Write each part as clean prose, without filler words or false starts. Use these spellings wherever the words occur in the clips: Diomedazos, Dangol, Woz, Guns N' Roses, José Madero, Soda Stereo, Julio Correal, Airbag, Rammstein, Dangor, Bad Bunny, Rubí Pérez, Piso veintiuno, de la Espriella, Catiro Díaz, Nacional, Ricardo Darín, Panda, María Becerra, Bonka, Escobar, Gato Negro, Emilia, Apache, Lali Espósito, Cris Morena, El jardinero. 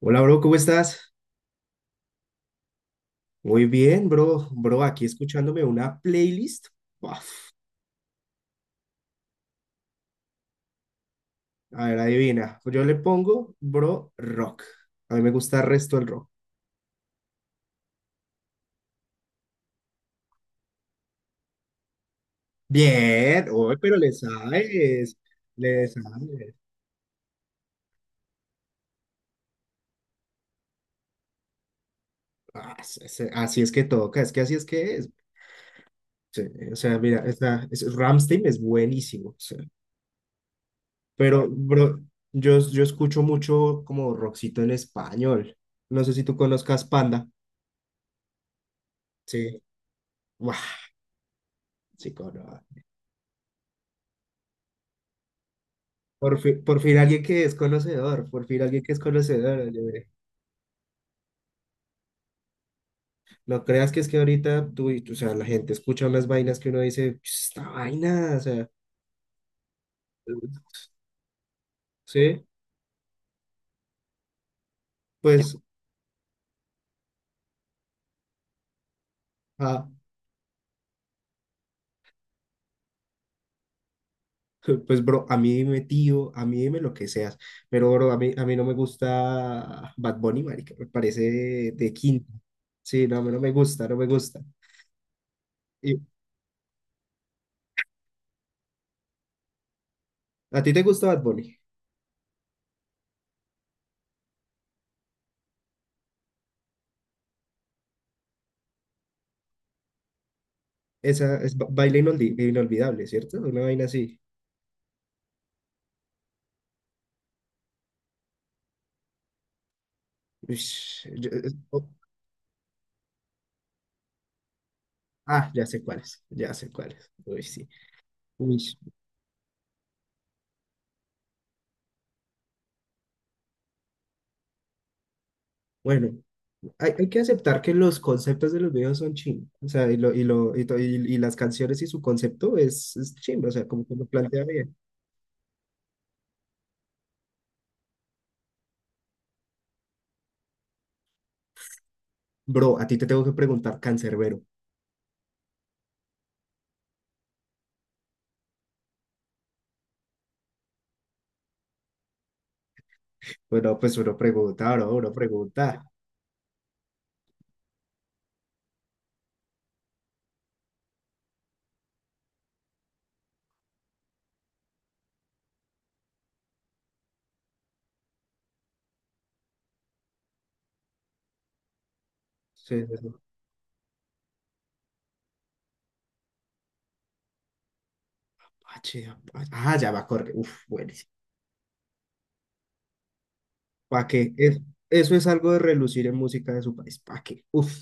Hola, bro, ¿cómo estás? Muy bien, bro. Bro, aquí escuchándome una playlist. Uf, a ver, adivina. Yo le pongo, bro, rock. A mí me gusta el resto del rock. Bien, oye, pero le sabes. Le sabes. Ah, así es que toca, es que así es que es. Sí, o sea, mira, Rammstein es buenísimo. O sea, pero, bro, yo escucho mucho como rockcito en español. No sé si tú conozcas Panda. Sí. Buah, sí, conozco. Por fin alguien que es conocedor, por fin alguien que es conocedor. Oye. No creas que es que ahorita tú, o sea, la gente escucha unas vainas que uno dice, esta vaina, o sea, sí, pues, ah, pues, bro, a mí dime tío, a mí dime lo que seas, pero, bro, a mí no me gusta Bad Bunny, marica, me parece de quinto. Sí, no, a mí no me gusta, no me gusta. ¿Y a ti te gusta Bad Bunny? Esa es baile inolvidable, ¿cierto? Una vaina así. Ush, ah, ya sé cuáles, ya sé cuáles. Uy, sí. Uy, sí. Bueno, hay que aceptar que los conceptos de los videos son ching. O sea, y, lo, y, lo, y, to- y- y las canciones y su concepto es chimba, o sea, como que lo plantea bien. Bro, a ti te tengo que preguntar, cancerbero. Bueno, pues uno pregunta, bro, uno pregunta. Sí, sí, sí. Apache, Apache. Ah, ya va a correr. Uf, buenísimo. ¿Para qué? Eso es algo de relucir en música de su país. ¿Para qué? Uf,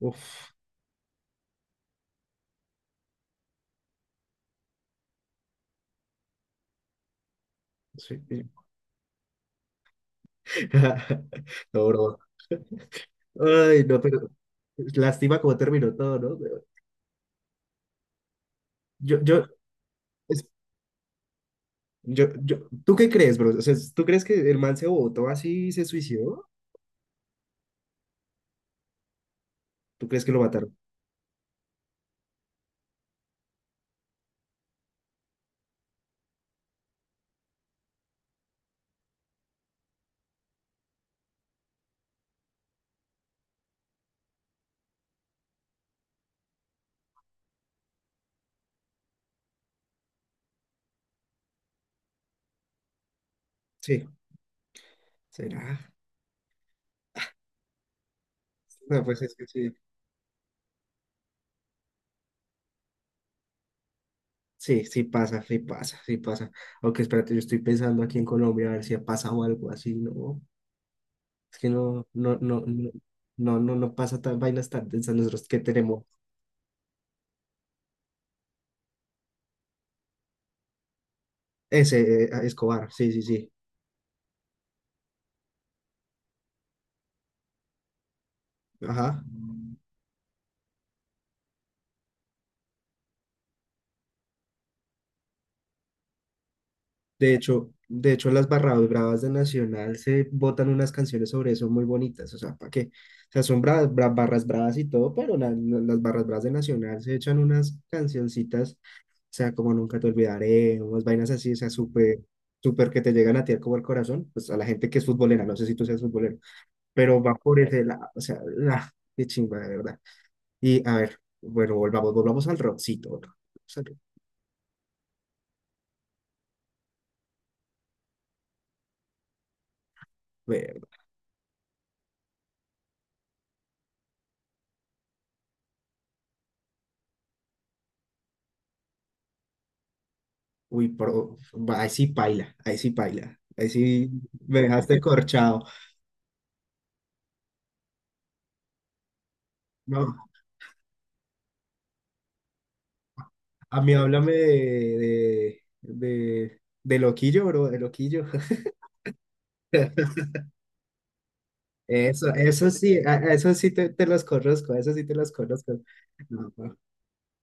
uf. Sí. No, bro, ay, no, pero lástima cómo terminó todo, ¿no? Pero Yo, yo, es- yo ¿tú qué crees, bro? O sea, ¿tú crees que el man se botó así y se suicidó? ¿Tú crees que lo mataron? Sí, será. No, pues es que sí. Sí, sí pasa, sí pasa, sí pasa. Aunque espérate, yo estoy pensando aquí en Colombia a ver si ha pasado algo así, ¿no? Es que no, no pasa tan vainas tan densas nosotros que tenemos. Ese, Escobar, sí, sí, sí. Ajá. De hecho, en las barradas bravas de Nacional se botan unas canciones sobre eso muy bonitas, o sea, ¿para qué? O sea, son barras bravas y todo, pero las barras bravas de Nacional se echan unas cancioncitas, o sea, como Nunca te olvidaré, unas vainas así, o sea, súper, súper que te llegan a ti como al corazón, pues a la gente que es futbolera, no sé si tú seas futbolero, pero va por ese lado, o sea, ah, qué chimba, de verdad. Y a ver, bueno, volvamos, volvamos al rockcito, volvamos al rock. Uy, pero ahí sí paila, ahí sí paila, ahí sí me dejaste corchado. No, a mí háblame de loquillo, bro, de loquillo. Eso sí, a eso sí te los conozco, eso sí te los conozco. No, no.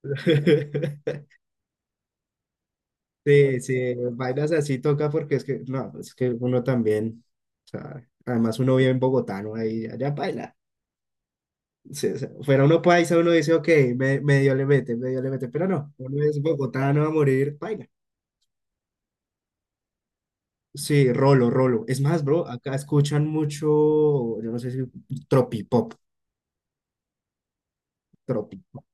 Sí, sí, vainas así toca porque es que, no, es que uno también, o sea, además uno vive en bogotano, ahí, allá baila. Sí, o fuera uno paisa, uno dice, ok, medio le mete, pero no, uno es bogotano a morir, paila. Sí, rolo, rolo. Es más, bro, acá escuchan mucho, yo no sé si tropipop, tropipop,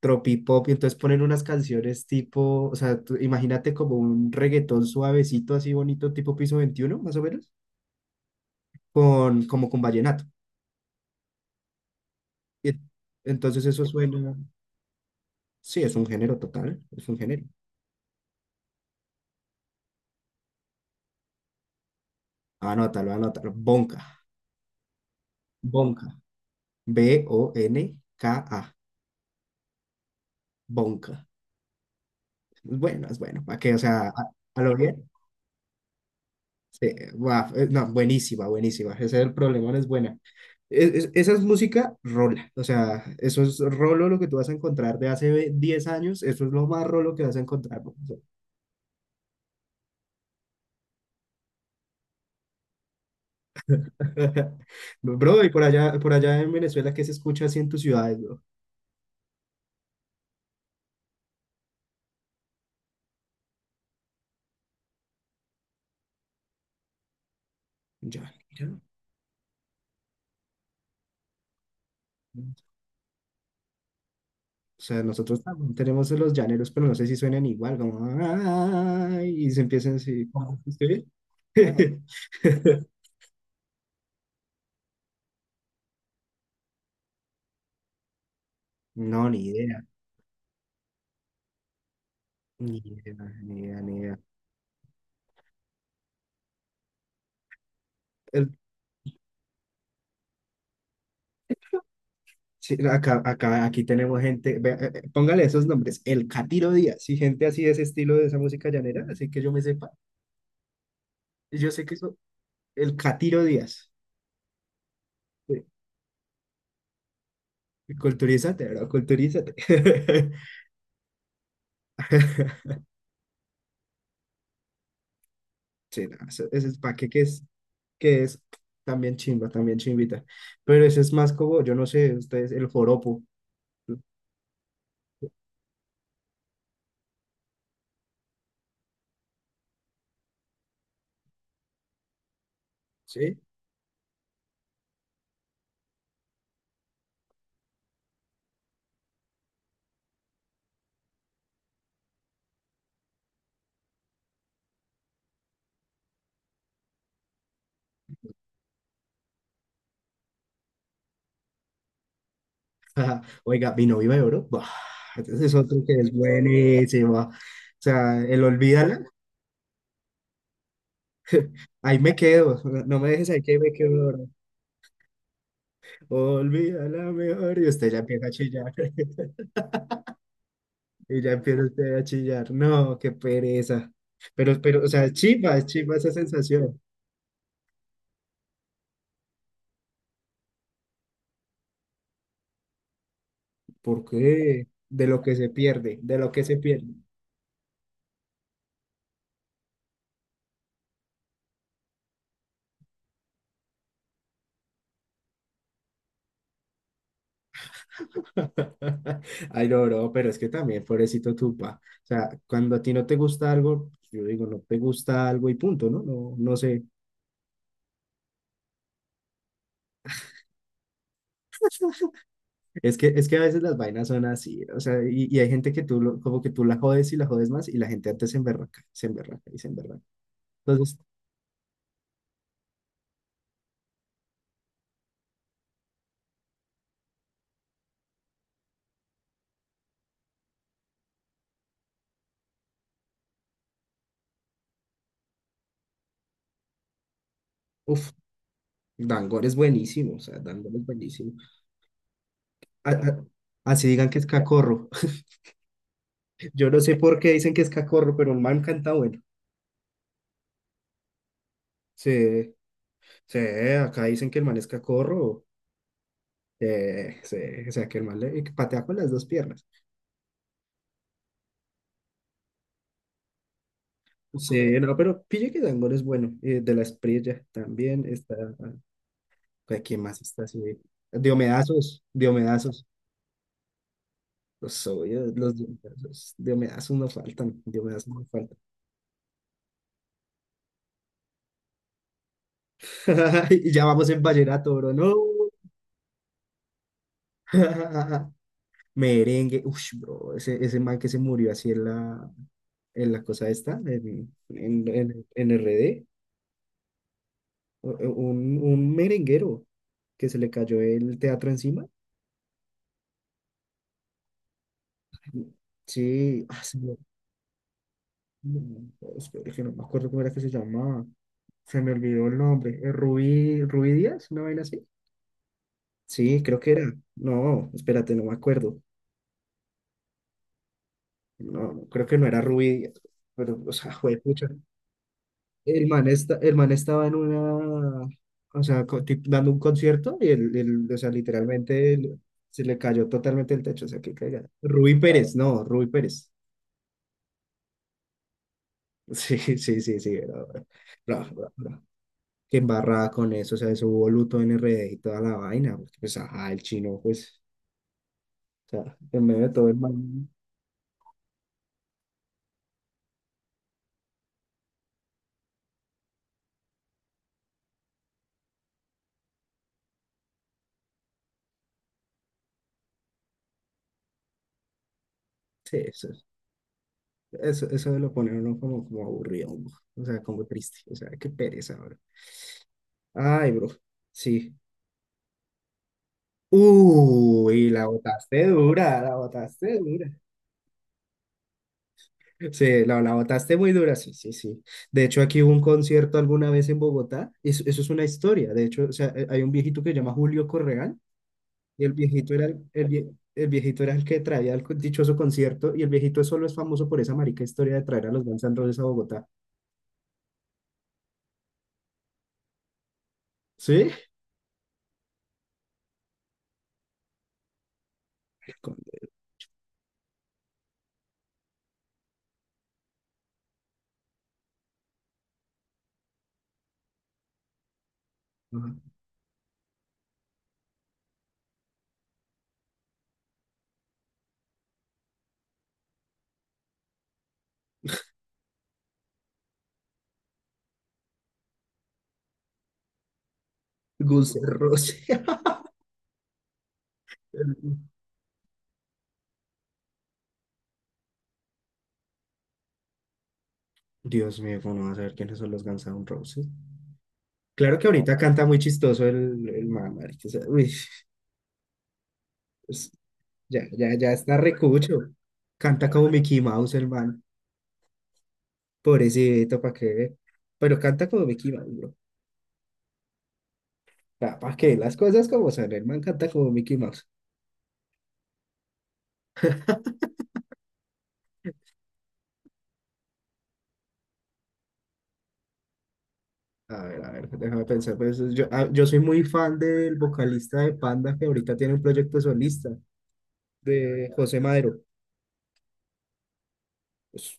tropipop, y entonces ponen unas canciones tipo, o sea, tú imagínate como un reggaetón suavecito, así bonito, tipo Piso veintiuno más o menos, con, como con vallenato. Y entonces eso suena, sí, es un género total, es un género. Anótalo, anótalo, bonca, bonca. B-O-N-K-A. Bonka. Es bueno, es bueno. ¿Para qué? O sea, a lo bien. Sí, guau, no, buenísima, buenísima. Ese es el problema, no es buena. Esa es música rola. O sea, eso es rolo lo que tú vas a encontrar de hace 10 años. Eso es lo más rolo que vas a encontrar. Bro, bro, y por allá en Venezuela, ¿qué se escucha así en tus ciudades, bro? Ya, mira. O sea, nosotros también tenemos los llaneros, pero no sé si suenan igual, como "Ay", y se empiezan así. Bueno, ¿sí? No, ni idea, ni idea, ni idea, ni idea. El- sí, aquí tenemos gente, vea, póngale esos nombres, el Catiro Díaz, y gente así de ese estilo de esa música llanera, así que yo me sepa, y yo sé que eso, el Catiro Díaz. Sí, culturízate, bro, culturízate. Sí, no, eso es para qué que es también chimba, también chimbita. Pero ese es más como, yo no sé, ustedes, el joropo, ¿sí? Ajá. Oiga, mi novio de oro. Buah, entonces es otro que es buenísimo. O sea, el olvídala, ahí me quedo. No me dejes ahí que me quedo llorando. Olvídala mejor. Y usted ya empieza a chillar. Y ya empieza usted a chillar. No, qué pereza. Pero, o sea, es chimba esa sensación. ¿Por qué? De lo que se pierde, de lo que se pierde. Ay, no, no, pero es que también, pobrecito Tupa. O sea, cuando a ti no te gusta algo, pues, yo digo, no te gusta algo y punto, ¿no? No, no sé. Es que a veces las vainas son así, o sea, y hay gente que tú, como que tú la jodes y la jodes más, y la gente antes se emberraca y se emberraca. Entonces, uff, Dangor es buenísimo, o sea, Dangor es buenísimo. A- a- así digan que es cacorro. Yo no sé por qué dicen que es cacorro, pero un man canta bueno. Sí, sí, acá dicen que el man es cacorro. Sí, o sea, que el mal que patea con las dos piernas. Sí, no, pero pille que Dangol es bueno. Eh, de la Espriella también está. Ah, ¿quién más está así? Diomedazos, Diomedazos. Los obvios, los Diomedazos. Diomedazos no faltan, Diomedazos no faltan. Y ya vamos en vallenato, bro, no. Merengue, uff, bro, ese man que se murió así en la cosa esta, en RD. Un merenguero que se le cayó el teatro encima. Sí, no, espere, que no me acuerdo cómo era que se llamaba. Se me olvidó el nombre. Rubí Díaz, una vaina así. Sí, creo que era. No, espérate, no me acuerdo. No, no, creo que no era Rubí Díaz, pero, o sea, fue pucha. El man, el man estaba en una, o sea, dando un concierto y o sea, literalmente se le cayó totalmente el techo, o sea, que caiga. Rubí claro. Pérez, no, Rubí Pérez. Sí, sí, sí, sí, bro, bro, bro, bro, bro. Qué embarrada con eso, o sea, eso hubo luto en RD y toda la vaina, porque pues, ajá, el chino, pues, o sea, en medio de todo el man, sí, eso de lo pone a uno como, como aburrido, bro. O sea, como triste, o sea, qué pereza, bro. Ay, bro, sí. Uy, la botaste dura, la botaste dura. Sí, la botaste muy dura, sí, sí, sí. De hecho, aquí hubo un concierto alguna vez en Bogotá, eso es una historia, de hecho, o sea, hay un viejito que se llama Julio Correal. Y el viejito era el viejito era el que traía el dichoso concierto y el viejito solo es famoso por esa marica historia de traer a los Guns N' Roses a Bogotá. ¿Sí? Con- ajá. Guns N' Roses. El- Dios mío, ¿cómo no va a saber quiénes son los Guns N' Roses? Claro que ahorita canta muy chistoso el man, marica, o sea, uy, es- ya, ya, ya está recucho. Canta como Mickey Mouse el man. Pobrecito, ¿para qué? Pero canta como Mickey Mouse, bro. ¿Para qué? Las cosas como son, el man canta como Mickey Mouse. A ver, déjame pensar. Pues, yo soy muy fan del vocalista de Panda que ahorita tiene un proyecto solista de José Madero. Pues,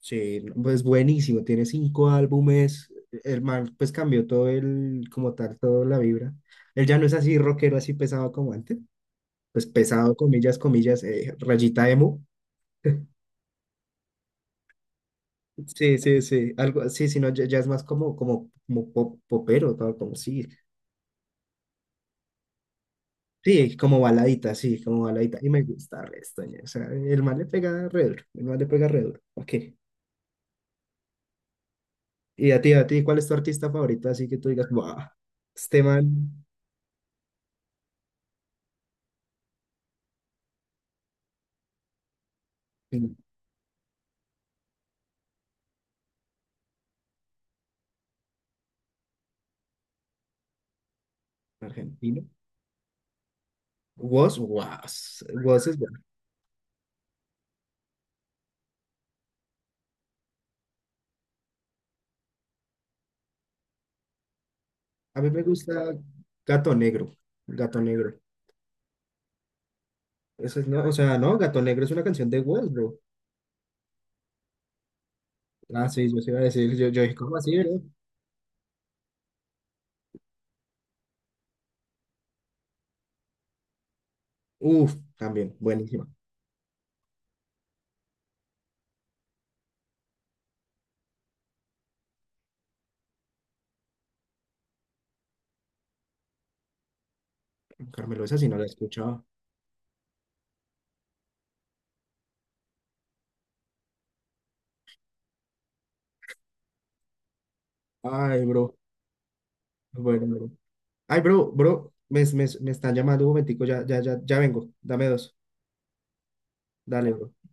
sí, no, pues buenísimo, tiene 5 álbumes. El man pues cambió todo el, como tal, toda la vibra. Él ya no es así rockero, así pesado como antes. Pues pesado, comillas, comillas, rayita emo. Sí, sí, sí, algo, sí, sí, no, ya, ya es más como, como pop, popero, tal, como sí. Sí, como baladita, sí, como baladita. Y me gusta resto, ñe. O sea, el man le pega re duro, el man le pega re duro. Ok. Y a ti, ¿cuál es tu artista favorito? Así que tú digas, wow, este man, mm, argentino. Woz, Woz, Woz es bueno. A mí me gusta Gato Negro, Gato Negro. Eso es, no, o sea, no, Gato Negro es una canción de Woz, bro. Ah, sí, yo se iba a decir, yo dije, ¿cómo así, bro? Uf, también, buenísima. Carmelo, esa sí no la he escuchado. Ay, bro, bueno, ay, bro, bro, me están llamando un momentico, ya, ya, ya, ya vengo. Dame dos. Dale, bro.